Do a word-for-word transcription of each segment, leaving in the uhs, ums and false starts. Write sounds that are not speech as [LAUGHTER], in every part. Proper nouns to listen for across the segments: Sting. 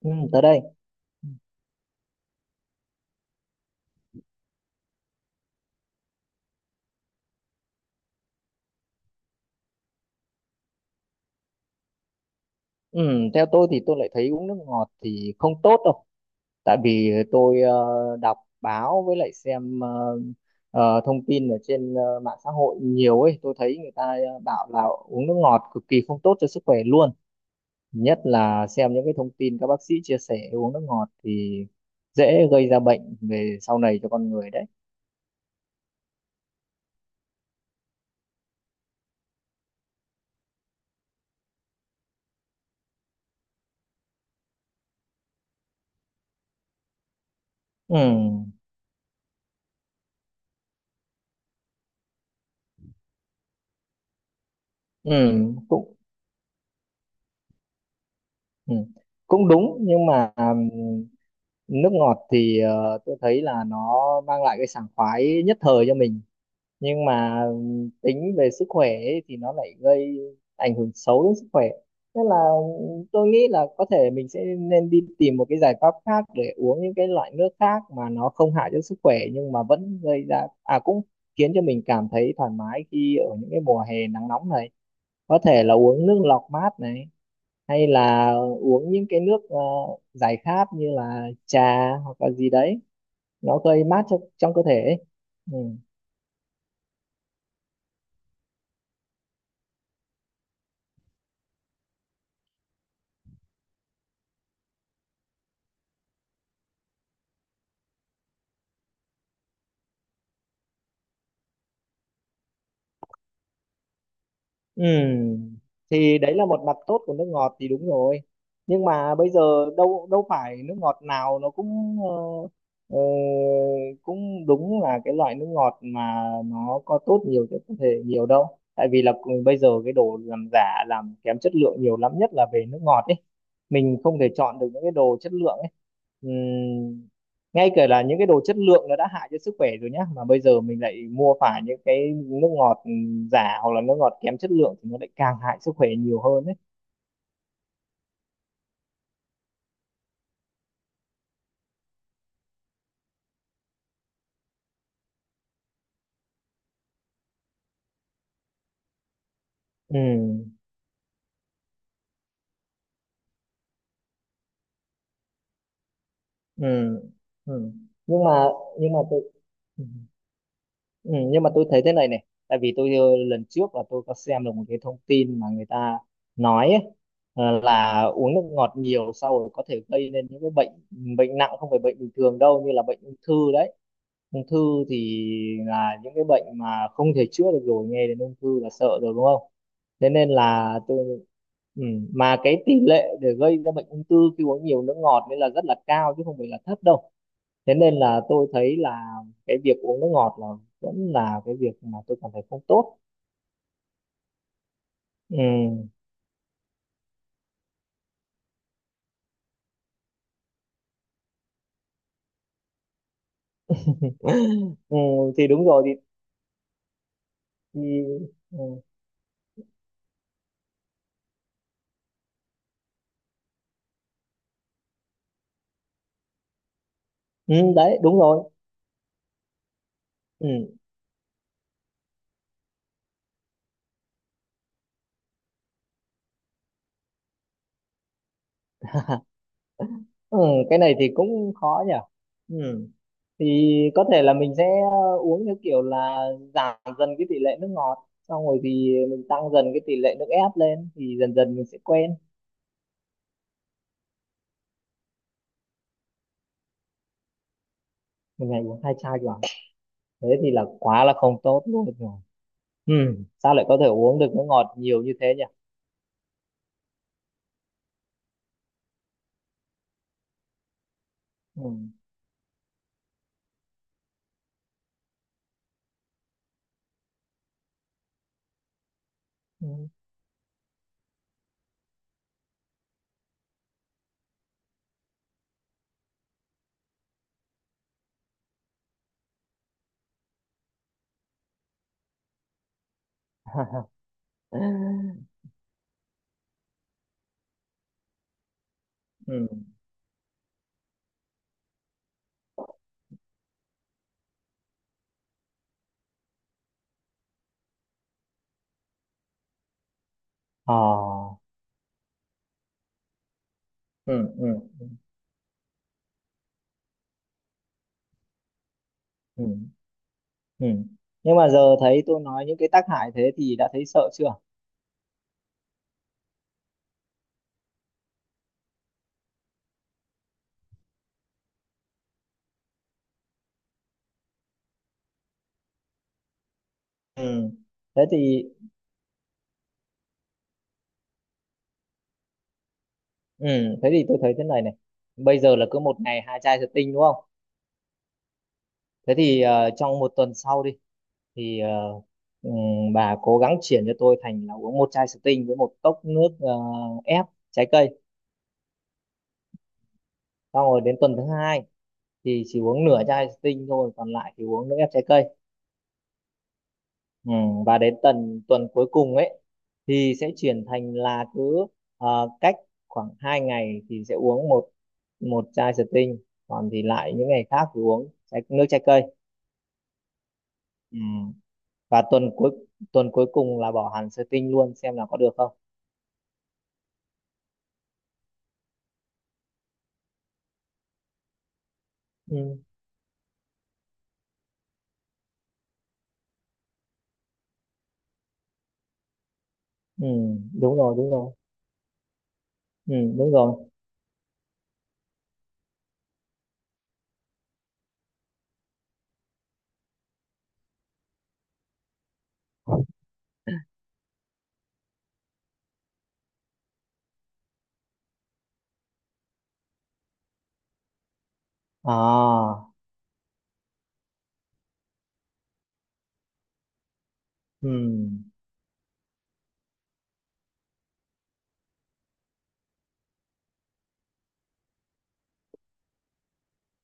Ừ, tới đây. ừ, Theo tôi thì tôi lại thấy uống nước ngọt thì không tốt đâu, tại vì tôi ờ, đọc báo với lại xem ờ, ờ, thông tin ở trên ờ, mạng xã hội nhiều ấy, tôi thấy người ta ờ, bảo là uống nước ngọt cực kỳ không tốt cho sức khỏe luôn, nhất là xem những cái thông tin các bác sĩ chia sẻ uống nước ngọt thì dễ gây ra bệnh về sau này cho con người đấy. ừ, ừ, Cũng ừ, cũng đúng, nhưng mà nước ngọt thì ờ, tôi thấy là nó mang lại cái sảng khoái nhất thời cho mình, nhưng mà ừm, tính về sức khỏe ấy, thì nó lại gây ảnh hưởng xấu đến sức khỏe. Nên là ừm, tôi nghĩ là có thể mình sẽ nên đi tìm một cái giải pháp khác để uống những cái loại nước khác mà nó không hại cho sức khỏe nhưng mà vẫn gây ra à cũng khiến cho mình cảm thấy thoải mái khi ở những cái mùa hè nắng nóng này. Có thể là uống nước lọc mát này, hay là uống những cái nước ờ, giải khát như là trà hoặc là gì đấy, nó gây mát cho trong cơ thể ấy. Ừ. Ừ, thì đấy là một mặt tốt của nước ngọt thì đúng rồi. Nhưng mà bây giờ đâu đâu phải nước ngọt nào nó cũng ờ, ờ, cũng đúng là cái loại nước ngọt mà nó có tốt nhiều cho cơ thể nhiều đâu. Tại vì là cùng- bây giờ cái đồ làm giả làm kém chất lượng nhiều lắm, nhất là về nước ngọt ấy. Mình không thể chọn được những cái đồ chất lượng ấy, ngay cả là những cái đồ chất lượng nó đã hại cho sức khỏe rồi nhá, mà bây giờ mình lại mua phải những cái nước ngọt ừ, giả hoặc là nước ngọt kém chất lượng thì nó lại càng hại sức khỏe nhiều hơn đấy. Ừ. Ừ. Ừ. nhưng mà nhưng mà tôi ừ. Ừ, nhưng mà tôi thấy thế này này, tại vì tôi ờ, lần trước là tôi có xem được một cái thông tin mà người ta nói ấy, ờ, là uống nước ngọt nhiều sau rồi có thể gây nên những cái bệnh, bệnh nặng không phải bệnh bình thường đâu, như là bệnh ung thư đấy. Ung thư thì là những cái bệnh mà không thể chữa được rồi, nghe đến ung thư là sợ rồi đúng không? Thế nên là tôi ừ, mà cái tỷ lệ để gây ra bệnh ung thư khi uống nhiều nước ngọt nên là rất là cao chứ không phải là thấp đâu. Thế nên là tôi thấy là cái việc uống nước ngọt là vẫn là cái việc mà tôi cảm thấy không tốt. Ừ. [LAUGHS] Ừ, thì đúng rồi, thì, thì ừ, ừ, đấy đúng rồi. Ừ. [LAUGHS] Ừ, cái này thì cũng khó nhỉ. Ừ. Thì có thể là mình sẽ ờ, uống theo kiểu là giảm dần cái tỷ lệ nước ngọt, xong rồi thì mình tăng dần cái tỷ lệ nước ép lên, thì dần dần mình sẽ quen. Một ngày uống hai chai vào thế thì là quá là không tốt luôn rồi. Ừ. Sao lại có thể uống được nước ngọt nhiều như thế nhỉ? Ừ. Ừ. [LAUGHS] Ừ. Ờ. Ừ. Ừ. Ừ. Ừ. Ừ. Nhưng mà giờ thấy tôi nói những cái tác hại thế thì đã thấy sợ chưa? Ừ. Thế thì Ừ, thế thì tôi thấy thế này này. Bây giờ là cứ một ngày hai chai thủy tinh đúng không? Thế thì ờ, trong một tuần sau đi thì ờ, ừm, bà cố gắng chuyển cho tôi thành là uống một chai thủy tinh với một cốc nước ờ, ép trái cây. Xong rồi đến tuần thứ hai thì chỉ uống nửa chai thủy tinh thôi, còn lại thì uống nước ép trái cây. Ừ, và đến tuần tuần cuối cùng ấy thì sẽ chuyển thành là cứ ờ, cách khoảng hai ngày thì sẽ uống một một chai thủy tinh, còn thì lại những ngày khác thì uống trái, nước trái cây. Ừ. Và tuần cuối tuần cuối cùng là bỏ hẳn Sting luôn xem là có được không. Ừ. Ừ. Đúng rồi, đúng rồi. Ừ, đúng rồi. À. Ừ.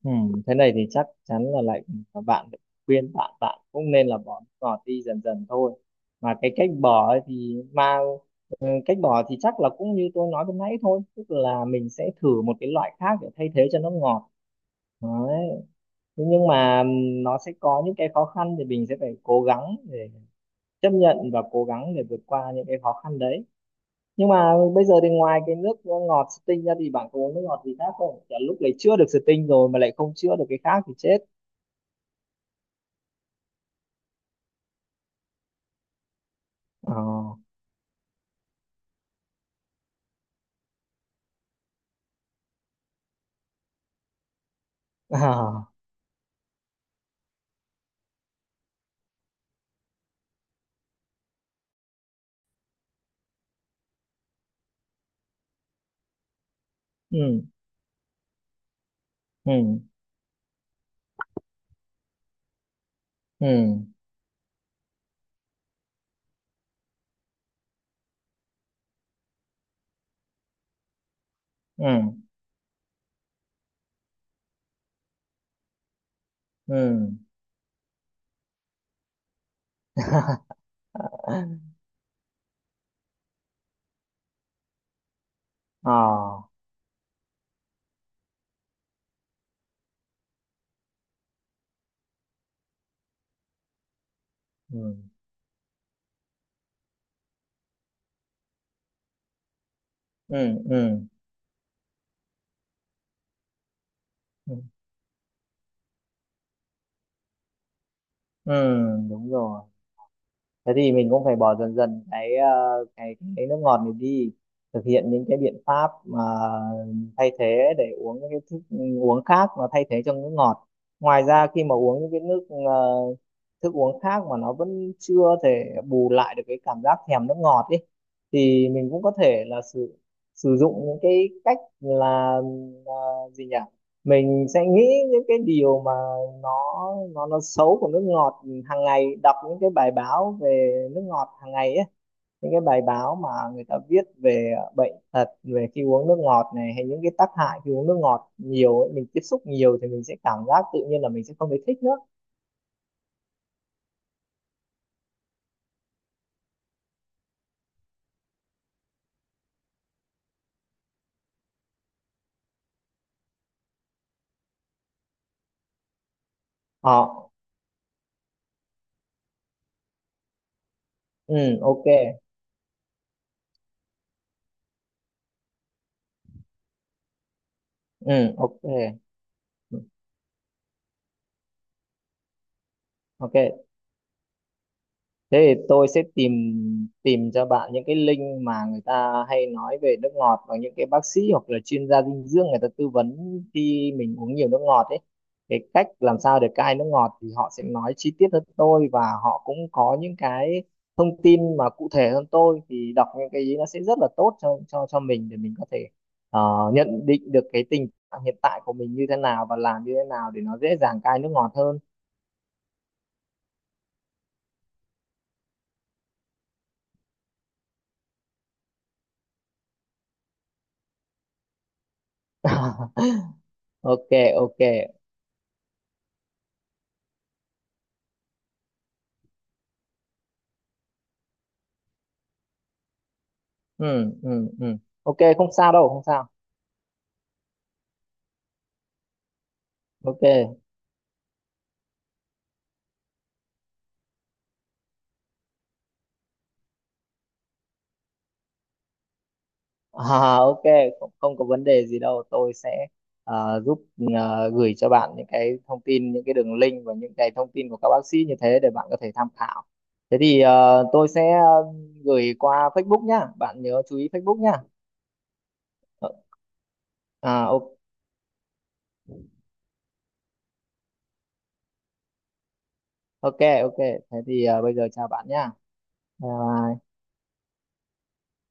Ừ. Thế này thì chắc chắn là lại các bạn phải khuyên bạn, bạn cũng nên là bỏ nước ngọt đi dần dần thôi. Mà cái cách bỏ ấy thì mang ừ, cách bỏ thì chắc là cũng như tôi nói lúc nãy thôi, tức là mình sẽ thử một cái loại khác để thay thế cho nước ngọt. Đấy. Thế nhưng mà ừ, nó sẽ có những cái khó khăn thì mình sẽ phải cố gắng để chấp nhận và cố gắng để vượt qua những cái khó khăn đấy. Nhưng mà bây giờ thì ngoài cái nước ngọt Sting ra thì bạn có uống nước ngọt gì khác không? Chả lúc này chữa được Sting rồi mà lại không chữa được cái khác thì chết. Ờ. [LAUGHS] À. Ừ. Ừ. Ừ. Ừ. Ừ. [LAUGHS] Ờ. Ừ. Ừ. Ừ. Ừ. Ừ, đúng rồi, thế thì mình cũng phải bỏ dần dần cái ờ, cái cái nước ngọt này đi, thực hiện những cái biện pháp mà thay thế để uống những cái thức uống khác mà thay thế cho nước ngọt. Ngoài ra khi mà uống những cái nước ờ, thức uống khác mà nó vẫn chưa thể bù lại được cái cảm giác thèm nước ngọt ấy thì mình cũng có thể là sử sử dụng những cái cách là ờ, gì nhỉ mình sẽ nghĩ những cái điều mà nó nó nó xấu của nước ngọt hàng ngày, đọc những cái bài báo về nước ngọt hàng ngày ấy, những cái bài báo mà người ta viết về bệnh tật về khi uống nước ngọt này, hay những cái tác hại khi uống nước ngọt nhiều ấy, mình tiếp xúc nhiều thì mình sẽ cảm giác tự nhiên là mình sẽ không thấy thích nữa. Ờ. Ừ. ô kê. Ừ. OK. Ừ, ok. Thế thì tôi sẽ tìm tìm cho bạn những cái link mà người ta hay nói về nước ngọt và những cái bác sĩ hoặc là chuyên gia dinh dưỡng người ta tư vấn khi mình uống nhiều nước ngọt ấy. Cái cách làm sao để cai nước ngọt thì họ sẽ nói chi tiết hơn tôi, và họ cũng có những cái thông tin mà cụ thể hơn tôi, thì đọc những cái ý nó sẽ rất là tốt cho cho cho mình để mình có thể ờ, nhận định được cái tình trạng hiện tại của mình như thế nào và làm như thế nào để nó dễ dàng cai nước ngọt hơn. [LAUGHS] ô kê. ô kê. Ừ. Ừ. Ừ. OK, không sao đâu, không sao. ô kê. À, ô kê. Không, không có vấn đề gì đâu, tôi sẽ ờ, giúp ờ, gửi cho bạn những cái thông tin, những cái đường link và những cái thông tin của các bác sĩ như thế để bạn có thể tham khảo. Thế thì ờ, tôi sẽ ờ, gửi qua phây búc nhá, bạn nhớ chú ý phây búc nhá. Ờ, à, ô kê. OK. OK. Thế thì ờ, bây giờ chào bạn nhá. bai bai.